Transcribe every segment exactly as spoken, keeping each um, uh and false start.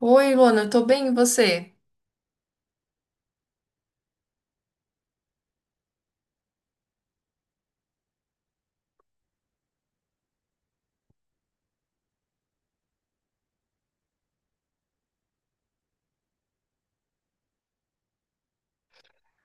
Oi, Luana, eu tô bem, e você?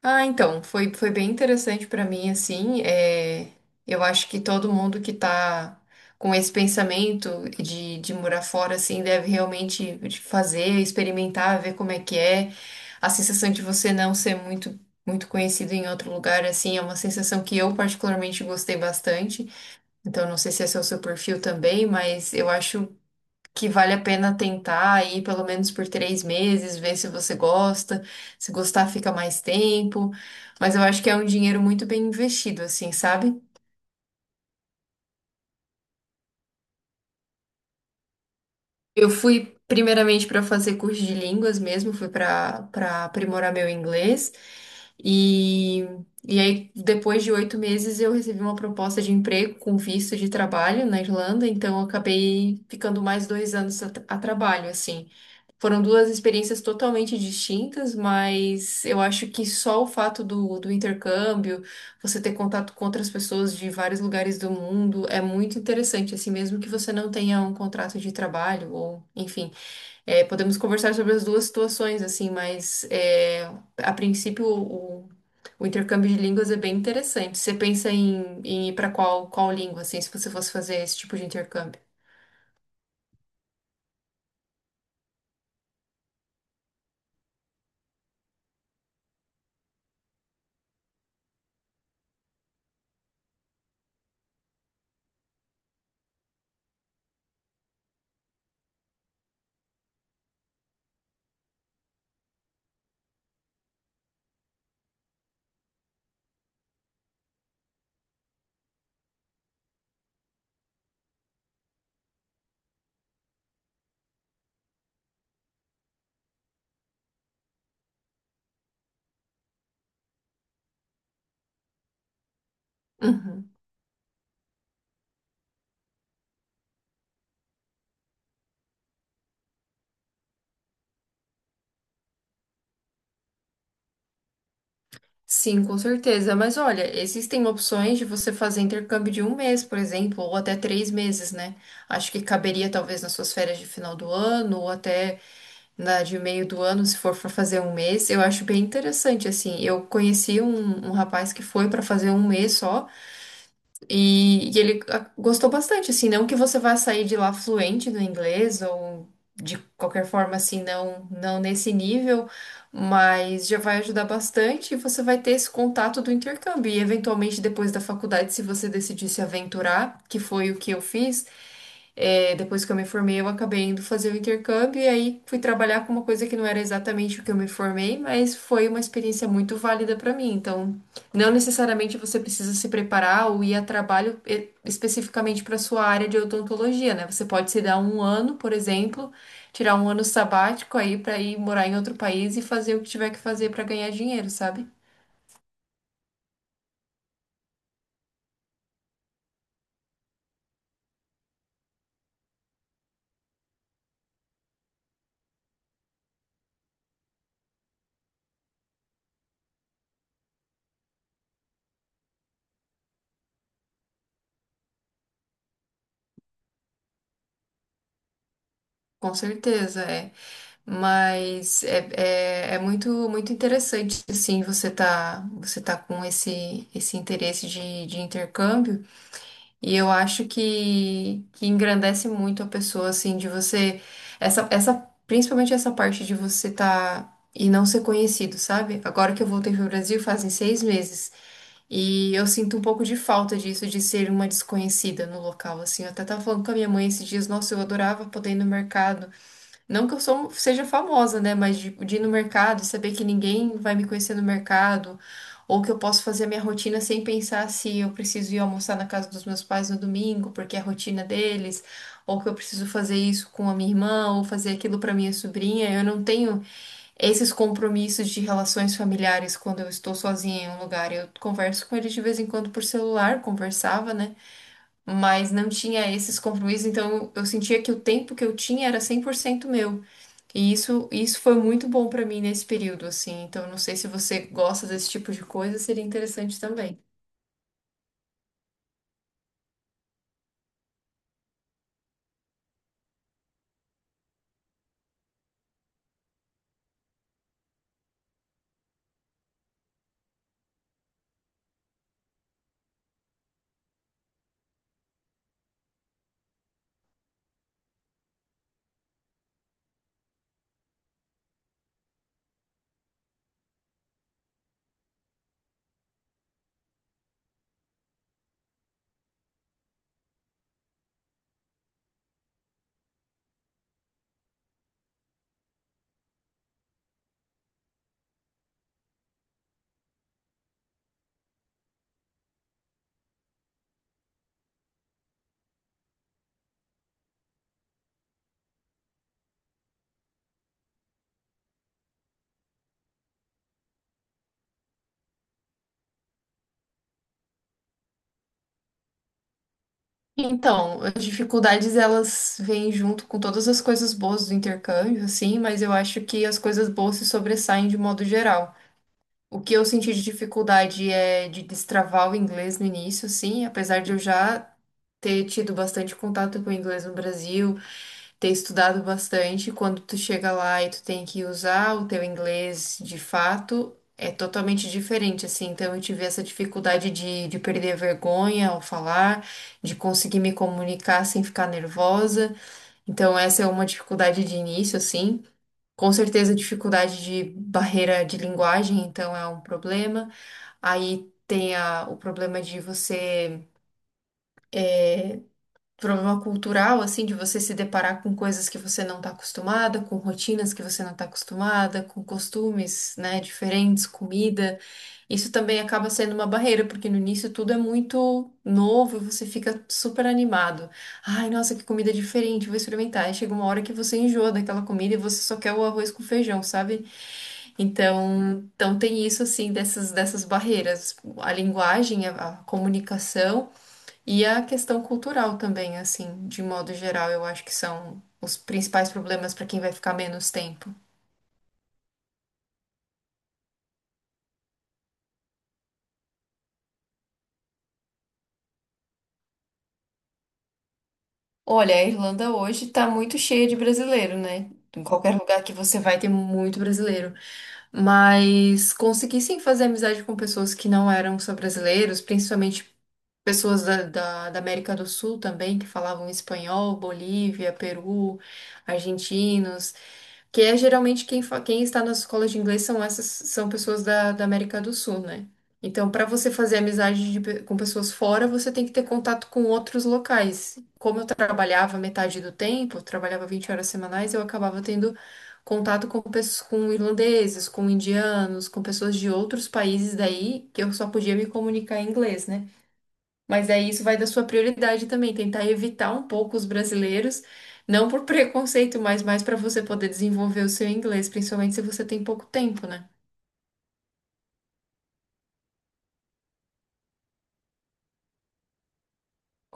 Ah, então, foi, foi bem interessante pra mim, assim, é, eu acho que todo mundo que tá com esse pensamento de, de morar fora, assim, deve realmente fazer, experimentar, ver como é que é, a sensação de você não ser muito, muito conhecido em outro lugar, assim, é uma sensação que eu particularmente gostei bastante, então não sei se esse é o seu perfil também, mas eu acho que vale a pena tentar ir pelo menos por três meses, ver se você gosta. Se gostar, fica mais tempo. Mas eu acho que é um dinheiro muito bem investido, assim, sabe? Eu fui primeiramente para fazer curso de línguas mesmo, fui para para aprimorar meu inglês. E, e aí, depois de oito meses, eu recebi uma proposta de emprego com visto de trabalho na Irlanda, então eu acabei ficando mais dois anos a, a trabalho, assim. Foram duas experiências totalmente distintas, mas eu acho que só o fato do, do intercâmbio, você ter contato com outras pessoas de vários lugares do mundo, é muito interessante. Assim, mesmo que você não tenha um contrato de trabalho, ou enfim, é, podemos conversar sobre as duas situações, assim, mas é, a princípio o, o intercâmbio de línguas é bem interessante. Você pensa em, em ir para qual, qual língua, assim, se você fosse fazer esse tipo de intercâmbio? Uhum. Sim, com certeza. Mas olha, existem opções de você fazer intercâmbio de um mês, por exemplo, ou até três meses, né? Acho que caberia talvez nas suas férias de final do ano, ou até na de meio do ano, se for para fazer um mês. Eu acho bem interessante, assim. Eu conheci um, um rapaz que foi para fazer um mês só. E, e ele ah, gostou bastante, assim, não que você vá sair de lá fluente no inglês ou de qualquer forma, assim, não, não nesse nível, mas já vai ajudar bastante e você vai ter esse contato do intercâmbio. E eventualmente depois da faculdade, se você decidir se aventurar, que foi o que eu fiz, é, depois que eu me formei, eu acabei indo fazer o intercâmbio e aí fui trabalhar com uma coisa que não era exatamente o que eu me formei, mas foi uma experiência muito válida para mim. Então, não necessariamente você precisa se preparar ou ir a trabalho e- especificamente para sua área de odontologia, né? Você pode se dar um ano, por exemplo, tirar um ano sabático aí para ir morar em outro país e fazer o que tiver que fazer para ganhar dinheiro, sabe? Com certeza, é. Mas é, é, é muito muito interessante, assim, você tá, você tá com esse, esse interesse de, de intercâmbio. E eu acho que, que engrandece muito a pessoa, assim, de você... Essa, essa, principalmente essa parte de você tá... E não ser conhecido, sabe? Agora que eu voltei pro Brasil fazem seis meses. E eu sinto um pouco de falta disso, de ser uma desconhecida no local, assim. Eu até tava falando com a minha mãe esses dias, nossa, eu adorava poder ir no mercado não que eu sou- seja famosa, né? Mas de, de ir no mercado e saber que ninguém vai me conhecer no mercado, ou que eu posso fazer a minha rotina sem pensar se eu preciso ir almoçar na casa dos meus pais no domingo, porque é a rotina deles, ou que eu preciso fazer isso com a minha irmã, ou fazer aquilo para minha sobrinha. Eu não tenho esses compromissos de relações familiares quando eu estou sozinha em um lugar. Eu converso com eles de vez em quando por celular, conversava, né? Mas não tinha esses compromissos, então eu sentia que o tempo que eu tinha era cem por cento meu. E isso, isso foi muito bom pra mim nesse período, assim. Então, não sei se você gosta desse tipo de coisa, seria interessante também. Então, as dificuldades elas vêm junto com todas as coisas boas do intercâmbio, assim, mas eu acho que as coisas boas se sobressaem de modo geral. O que eu senti de dificuldade é de destravar o inglês no início, assim, apesar de eu já ter tido bastante contato com o inglês no Brasil, ter estudado bastante, quando tu chega lá e tu tem que usar o teu inglês de fato, é totalmente diferente, assim. Então eu tive essa dificuldade de, de perder a vergonha ao falar, de conseguir me comunicar sem ficar nervosa. Então essa é uma dificuldade de início, assim. Com certeza, dificuldade de barreira de linguagem, então é um problema. Aí tem a, o problema de você. Problema cultural, assim, de você se deparar com coisas que você não está acostumada, com rotinas que você não está acostumada, com costumes, né, diferentes, comida. Isso também acaba sendo uma barreira, porque no início tudo é muito novo e você fica super animado. Ai, nossa, que comida diferente, vou experimentar. Aí chega uma hora que você enjoa daquela comida e você só quer o arroz com feijão, sabe? Então, então tem isso, assim, dessas, dessas barreiras. A linguagem, a a comunicação. E a questão cultural também, assim, de modo geral, eu acho que são os principais problemas para quem vai ficar menos tempo. Olha, a Irlanda hoje está muito cheia de brasileiro, né? Em qualquer lugar que você vai ter muito brasileiro. Mas consegui sim fazer amizade com pessoas que não eram só brasileiros, principalmente pessoas da, da, da América do Sul também, que falavam espanhol, Bolívia, Peru, argentinos. Que é geralmente quem, fa- quem está nas escolas de inglês são essas são pessoas da, da América do Sul, né? Então, para você fazer amizade de pe- com pessoas fora, você tem que ter contato com outros locais. Como eu trabalhava metade do tempo, eu trabalhava vinte horas semanais, eu acabava tendo contato com, pes- com irlandeses, com indianos, com pessoas de outros países daí, que eu só podia me comunicar em inglês, né? Mas aí isso vai da sua prioridade também, tentar evitar um pouco os brasileiros, não por preconceito, mas mais para você poder desenvolver o seu inglês, principalmente se você tem pouco tempo, né?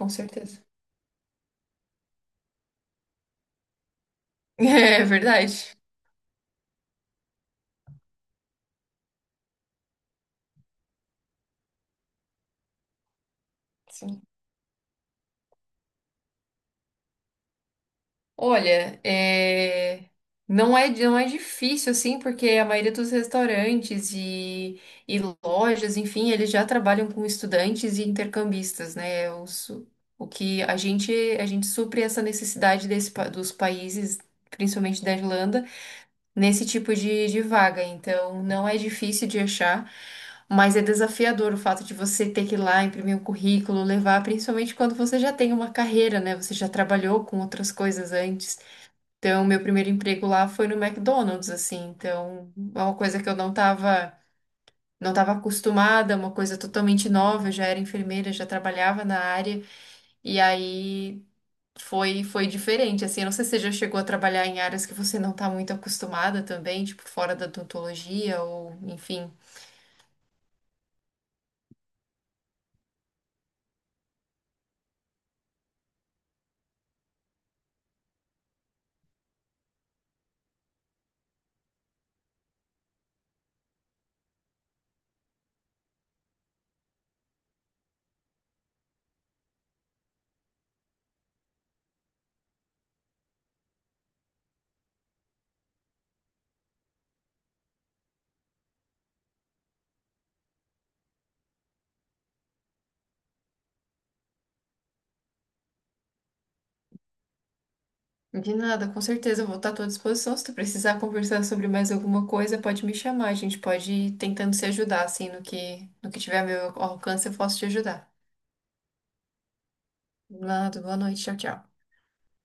Com certeza. É verdade. Sim. Olha, é, não é, não é difícil assim, porque a maioria dos restaurantes e, e lojas, enfim, eles já trabalham com estudantes e intercambistas, né? O, o que a gente, a gente supre essa necessidade desse, pa- dos países, principalmente da Irlanda, nesse tipo de, de vaga. Então, não é difícil de achar. Mas é desafiador o fato de você ter que ir lá imprimir um currículo, levar, principalmente quando você já tem uma carreira, né? Você já trabalhou com outras coisas antes. Então, meu primeiro emprego lá foi no McDonald's, assim. Então, é uma coisa que eu não estava não estava acostumada, uma coisa totalmente nova. Eu já era enfermeira, já trabalhava na área. E aí foi foi diferente, assim. Eu não sei se você já chegou a trabalhar em áreas que você não está muito acostumada também, tipo fora da odontologia ou, enfim. De nada, com certeza, eu vou estar à tua disposição. Se tu precisar conversar sobre mais alguma coisa, pode me chamar. A gente pode ir tentando se ajudar, assim, no que, no que tiver a meu alcance, eu posso te ajudar. Nada, boa noite, tchau, tchau.